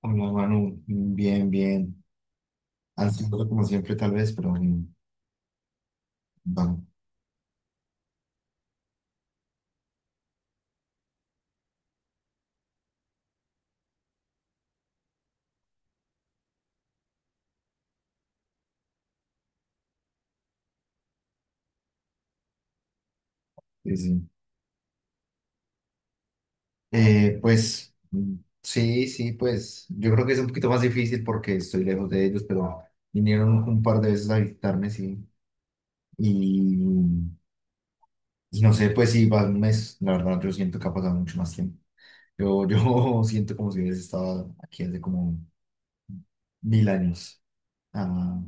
Hola Manu, bien, bien. Ansioso como siempre tal vez, pero vamos. Sí, sí. Pues mm, sí, sí, pues yo creo que es un poquito más difícil porque estoy lejos de ellos, pero vinieron un par de veces a visitarme, sí. Y, y no sé, pues si va un mes, la verdad yo siento que ha pasado mucho más tiempo. Yo siento como si hubiese estado aquí hace como 1000 años. Ah,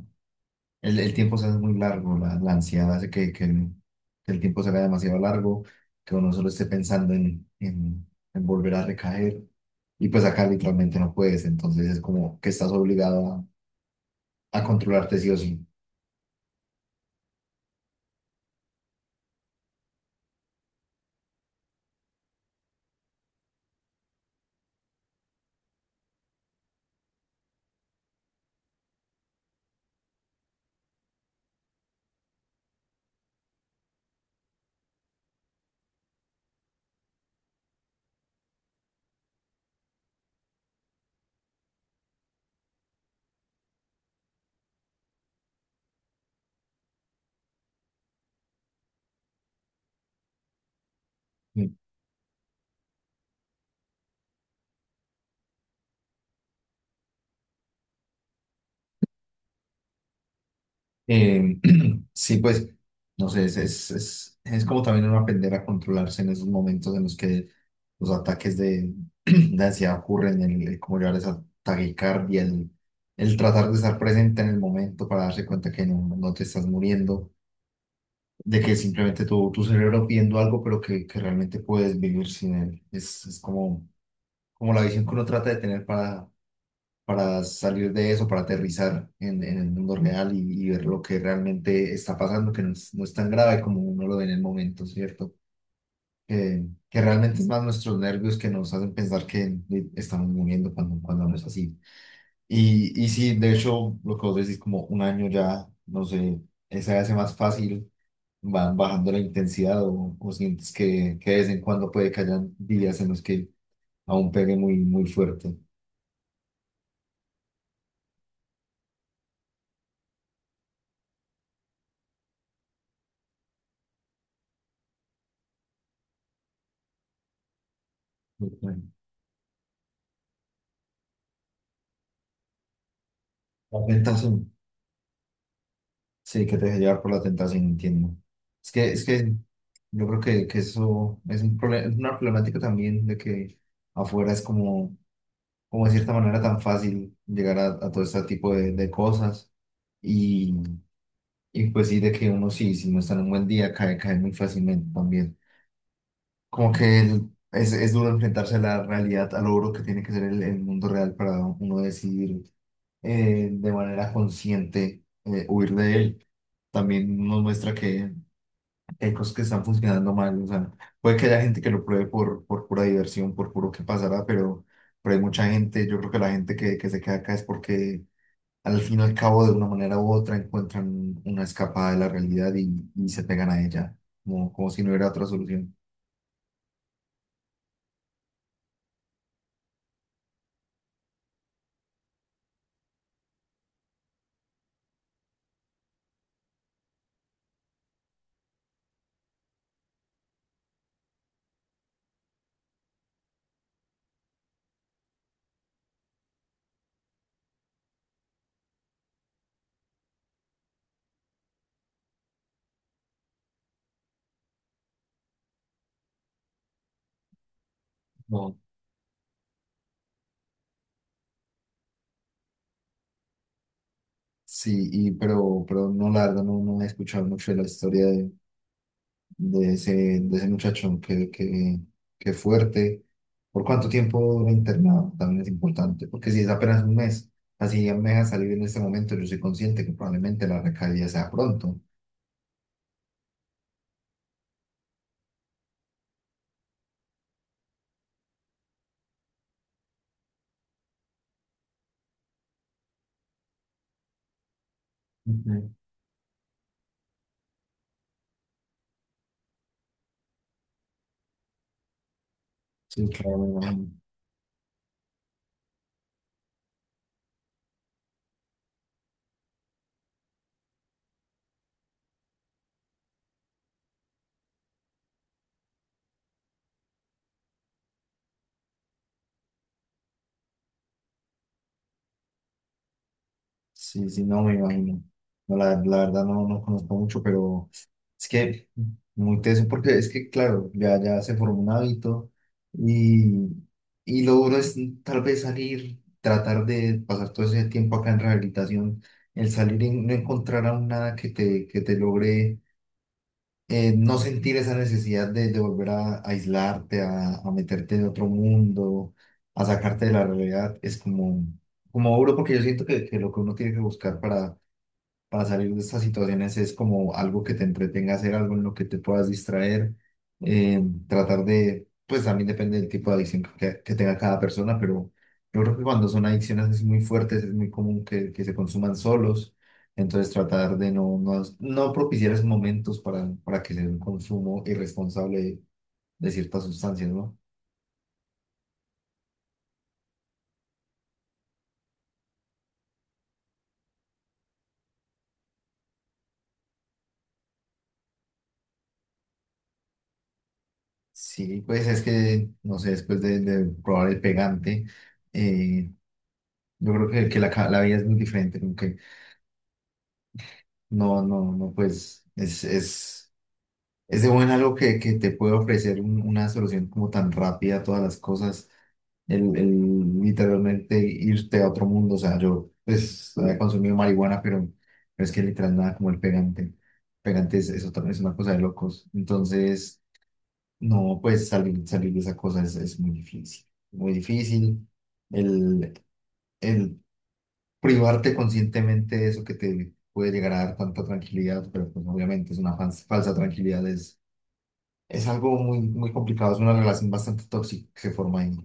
el tiempo se hace muy largo, la ansiedad hace que el tiempo se haga demasiado largo, que uno solo esté pensando en volver a recaer. Y pues acá literalmente no puedes, entonces es como que estás obligado a controlarte sí o sí. Eh, sí, pues, no sé, es como también uno aprender a controlarse en esos momentos en los que los ataques de, de ansiedad ocurren, el cómo llevar esa taquicardia, el tratar de estar presente en el momento para darse cuenta que no, no te estás muriendo, de que simplemente tu cerebro pidiendo algo, pero que realmente puedes vivir sin él. Es como la visión que uno trata de tener para salir de eso, para aterrizar en el mundo real y ver lo que realmente está pasando, que no es tan grave como uno lo ve en el momento, ¿cierto? Que realmente es más nuestros nervios que nos hacen pensar que estamos muriendo cuando no es así. Y sí, de hecho, lo que vos decís, como un año ya, no sé, se hace más fácil, van bajando la intensidad o sientes que de vez en cuando puede que hayan días en los que aún pegue muy, muy fuerte. Ok. La tentación. Sí, que te deje llevar por la tentación, entiendo. Es que yo creo que eso es un problema, es una problemática también de que afuera es como de cierta manera tan fácil llegar a todo este tipo de cosas. Y, y pues sí, de que uno sí, si no está en un buen día, cae, cae muy fácilmente también. Como que es duro enfrentarse a la realidad, al logro que tiene que ser el mundo real para uno decidir de manera consciente huir de él también nos muestra que hay cosas que están funcionando mal, o sea, puede que haya gente que lo pruebe por pura diversión, por puro que pasará, pero hay mucha gente, yo creo que la gente que se queda acá es porque al fin y al cabo, de una manera u otra, encuentran una escapada de la realidad y se pegan a ella, como si no hubiera otra solución. No. Sí, y pero no, la verdad, no, no he escuchado mucho de la historia de ese, de ese muchacho, que fuerte. ¿Por cuánto tiempo dura internado? También es importante, porque si es apenas un mes, así ya me deja salir en este momento, yo soy consciente que probablemente la recaída sea pronto. Ujú. Sí, claro, me imagino. Sí, sí, no me imagino. No, la verdad no, no conozco mucho, pero es que muy teso, porque es que, claro, ya, ya se formó un hábito y, y lo duro es tal vez salir, tratar de pasar todo ese tiempo acá en rehabilitación, el salir y no encontrar aún nada que te logre no sentir esa necesidad de volver a aislarte, a meterte en otro mundo, a sacarte de la realidad, es como duro porque yo siento que lo que uno tiene que buscar para salir de estas situaciones es como algo que te entretenga hacer, algo en lo que te puedas distraer, eh, tratar de, pues también depende del tipo de adicción que tenga cada persona, pero yo creo que cuando son adicciones así muy fuertes es muy común que se consuman solos, entonces tratar de no, no, no propiciar esos momentos para que sea un consumo irresponsable de ciertas sustancias, ¿no? Sí, pues es que, no sé, después de probar el pegante, eh, yo creo que la, la vida es muy diferente, como que no, no, no, pues es de buen algo que te puede ofrecer una solución como tan rápida a todas las cosas, el literalmente irte a otro mundo, o sea, yo pues había consumido marihuana, pero es que literal nada como el pegante, pegante es otra, es una cosa de locos, entonces no, pues salir, salir de esa cosa es muy difícil, el, el privarte conscientemente de eso que te puede llegar a dar tanta tranquilidad, pero pues obviamente es una falsa tranquilidad, es algo muy, muy complicado, es una relación bastante tóxica que se forma ahí.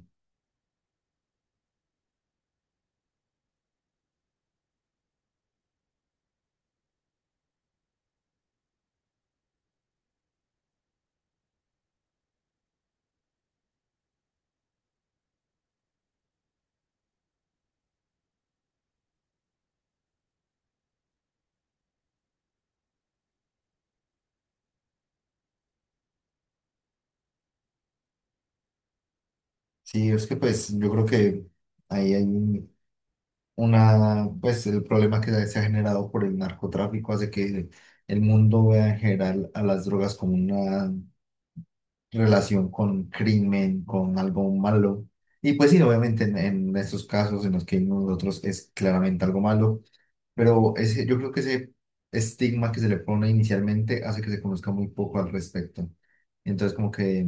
Sí, es que pues yo creo que ahí hay una, pues el problema que se ha generado por el narcotráfico hace que el mundo vea en general a las drogas como una relación con crimen, con algo malo. Y pues sí, obviamente en estos casos en los que hay nosotros es claramente algo malo. Pero ese, yo creo que ese estigma que se le pone inicialmente hace que se conozca muy poco al respecto. Entonces, como que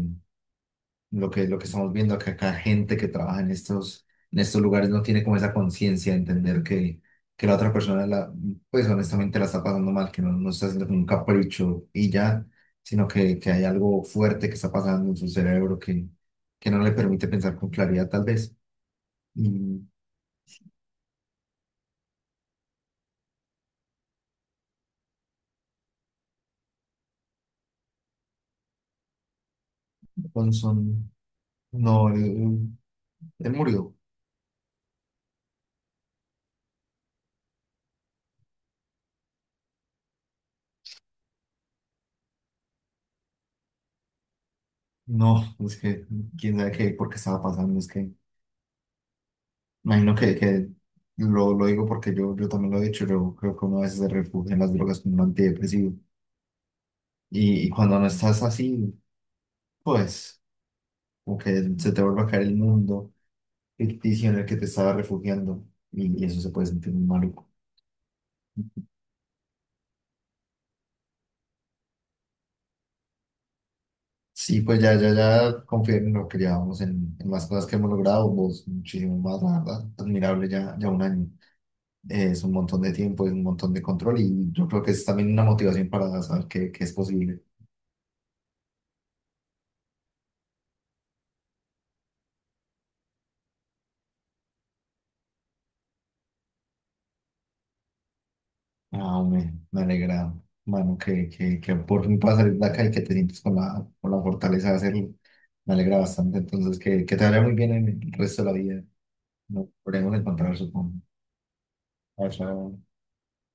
lo que estamos viendo acá, gente que trabaja en estos lugares no tiene como esa conciencia de entender que la otra persona, la, pues honestamente la está pasando mal, que no, no está haciendo como un capricho y ya, sino que hay algo fuerte que está pasando en su cerebro que no le permite pensar con claridad, tal vez. Y Johnson, no, él murió. No, es que quién sabe qué, por qué estaba pasando, es que imagino que lo digo porque yo también lo he dicho, yo creo que uno a veces se refugia en las drogas como un antidepresivo y cuando no estás así, pues como que se te vuelve a caer el mundo ficticio en el que te estaba refugiando y eso se puede sentir muy maluco. Sí, pues ya, ya, ya confío en, lo que llevamos, en las cosas que hemos logrado, vos muchísimo más, la verdad, admirable, ya, ya un año. Es un montón de tiempo y un montón de control y yo creo que es también una motivación para saber que es posible. Me alegra, mano, que por fin puedas salir de acá y que te sientes con la fortaleza de hacerlo. Me alegra bastante, entonces que te vaya muy bien en el resto de la vida. Nos podremos encontrar, supongo. Chao, chao.